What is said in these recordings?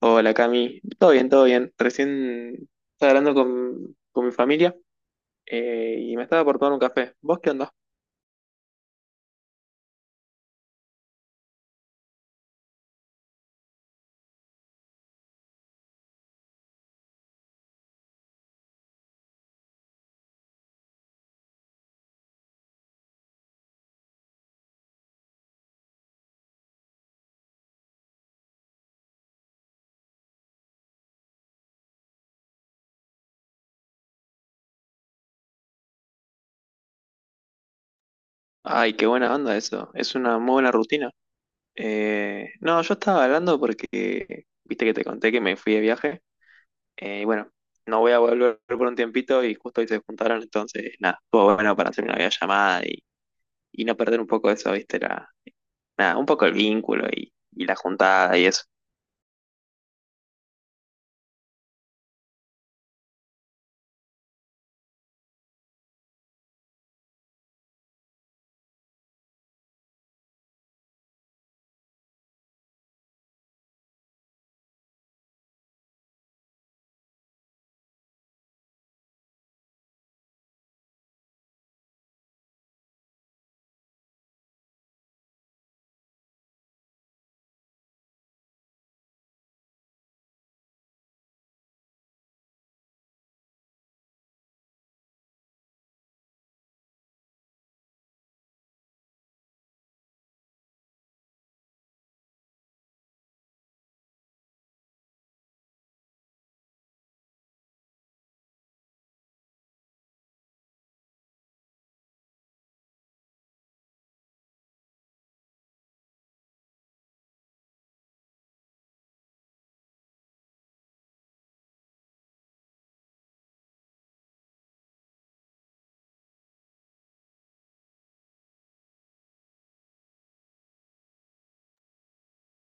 Hola Cami, todo bien, todo bien. Recién estaba hablando con mi familia y me estaba por tomar un café. ¿Vos qué onda? Ay, qué buena onda eso. Es una muy buena rutina. No, yo estaba hablando porque, viste que te conté que me fui de viaje. Y bueno, no voy a volver por un tiempito y justo hoy se juntaron, entonces nada, estuvo bueno para hacer una videollamada y no perder un poco eso, viste, nada, un poco el vínculo y la juntada y eso.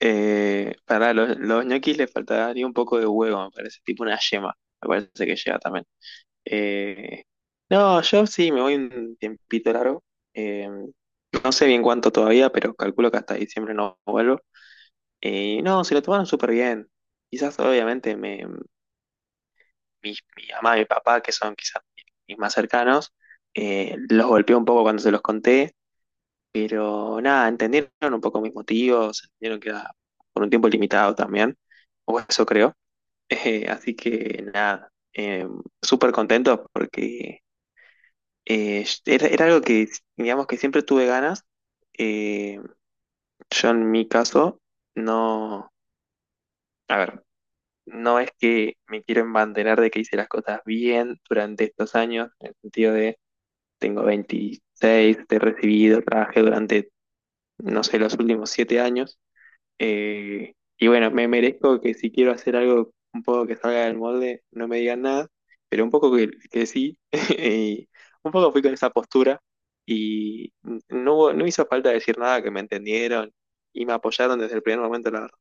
Para los ñoquis les faltaría un poco de huevo, me parece, tipo una yema, me parece que llega también. Eh, no, yo sí, me voy un tiempito largo. eh, no sé bien cuánto todavía, pero calculo que hasta diciembre no vuelvo. No, se lo tomaron súper bien. Quizás obviamente me- mi mamá y mi papá, que son quizás mis más cercanos, los golpeó un poco cuando se los conté, pero nada, entendieron un poco mis motivos, entendieron que era por un tiempo limitado también, o eso creo. Así que nada, súper contento porque era algo que, digamos, que siempre tuve ganas. Eh, yo en mi caso, no, a ver, no es que me quiero embanderar de que hice las cosas bien durante estos años, en el sentido de tengo 26, te he recibido, trabajé durante, no sé, los últimos 7 años. Y bueno, me merezco que si quiero hacer algo un poco que salga del molde, no me digan nada, pero un poco que sí. Y un poco fui con esa postura y no, no hizo falta decir nada, que me entendieron y me apoyaron desde el primer momento, la verdad.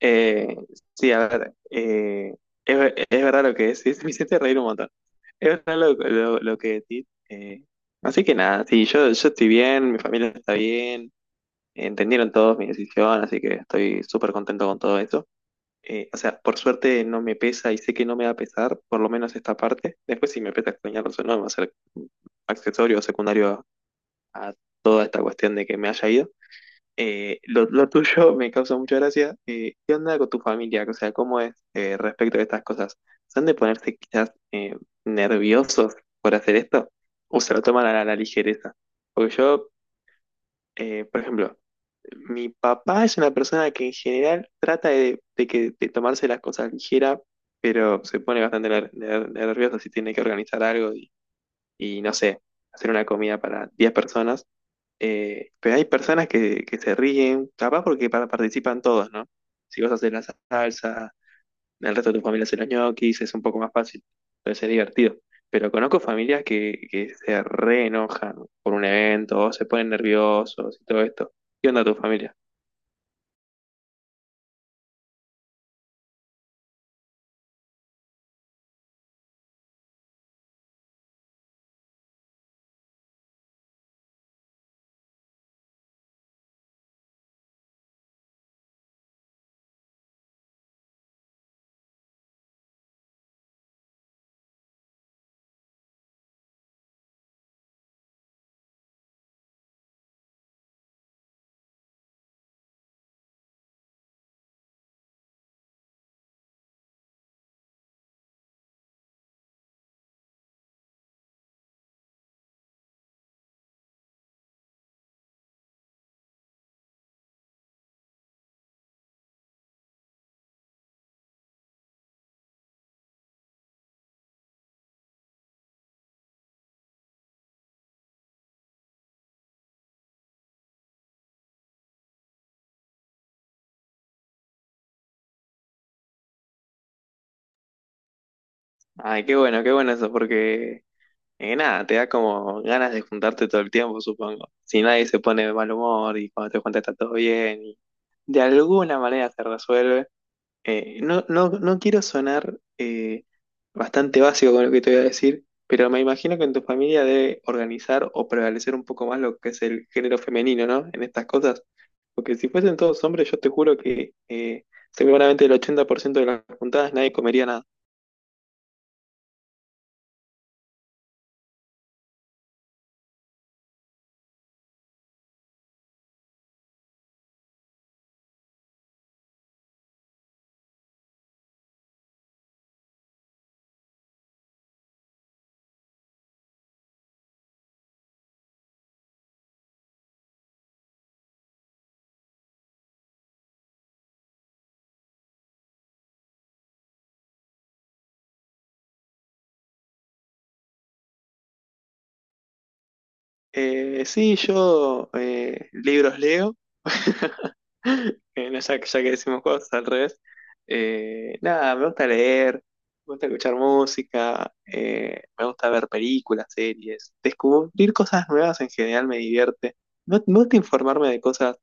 Eh, sí, a ver, es verdad lo que decís, me hiciste reír un montón. Es verdad lo que decís. Así que nada, sí, yo estoy bien, mi familia está bien. Entendieron todos mi decisión, así que estoy súper contento con todo esto. O sea, por suerte no me pesa y sé que no me va a pesar, por lo menos esta parte. Después, si me pesa extrañarlos o no, va a ser accesorio o secundario a toda esta cuestión de que me haya ido. Lo tuyo me causa mucha gracia. ¿Qué onda con tu familia? O sea, ¿cómo es respecto a estas cosas? ¿Son de ponerse quizás nerviosos por hacer esto? ¿O se lo toman a a la ligereza? Porque yo por ejemplo, mi papá es una persona que en general trata de tomarse las cosas ligera, pero se pone bastante nervioso si tiene que organizar algo y, no sé, hacer una comida para 10 personas. Pero hay personas que se ríen, capaz porque participan todos, ¿no? Si vos haces la salsa, el resto de tu familia hace los ñoquis, es un poco más fácil, entonces es divertido. Pero conozco familias que se reenojan por un evento, o se ponen nerviosos y todo esto. ¿Qué onda tu familia? Ay, qué bueno eso, porque nada, te da como ganas de juntarte todo el tiempo, supongo. Si nadie se pone de mal humor y cuando te juntas está todo bien, y de alguna manera se resuelve. No quiero sonar bastante básico con lo que te voy a decir, pero me imagino que en tu familia debe organizar o prevalecer un poco más lo que es el género femenino, ¿no? En estas cosas. Porque si fuesen todos hombres, yo te juro que seguramente el 80% de las juntadas nadie comería nada. Sí, yo libros leo. No, ya que decimos cosas al revés. Nada, me gusta leer, me gusta escuchar música, me gusta ver películas, series. Descubrir cosas nuevas en general me divierte. Me gusta informarme de cosas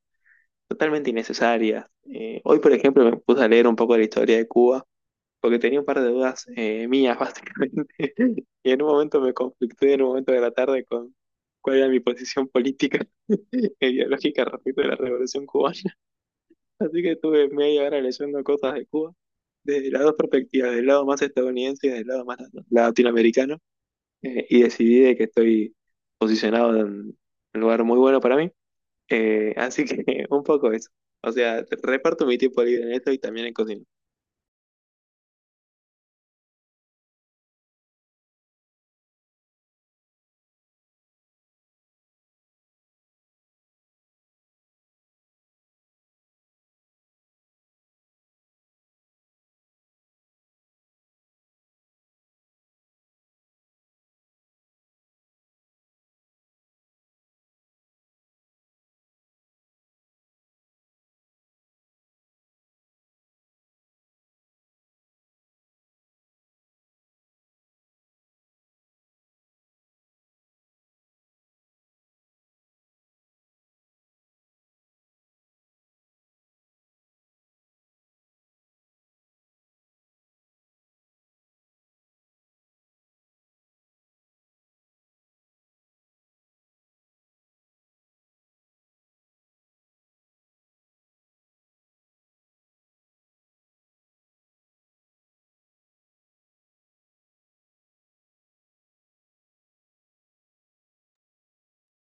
totalmente innecesarias. Hoy, por ejemplo, me puse a leer un poco de la historia de Cuba porque tenía un par de dudas mías, básicamente, y en un momento me conflicté, en un momento de la tarde, con cuál era mi posición política e ideológica respecto de la Revolución Cubana. Así que estuve media hora leyendo cosas de Cuba, desde las dos perspectivas, del lado más estadounidense y del lado más latinoamericano, y decidí de que estoy posicionado en un lugar muy bueno para mí. Así que un poco eso. O sea, reparto mi tiempo libre en esto y también en cocina.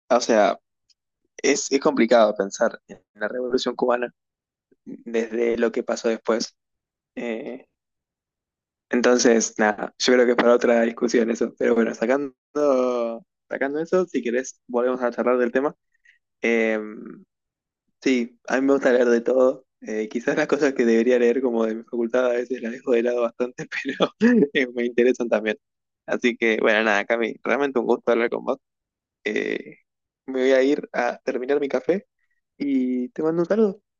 O sea, es complicado pensar en la Revolución Cubana desde lo que pasó después. Eh, entonces, nada, yo creo que es para otra discusión eso. Pero bueno, sacando eso, si querés, volvemos a charlar del tema. Eh, sí, a mí me gusta leer de todo. Quizás las cosas que debería leer como de mi facultad a veces las dejo de lado bastante, pero me interesan también. Así que, bueno, nada, Cami, realmente un gusto hablar con vos. Eh, Me voy a ir a terminar mi café y te mando un saludo.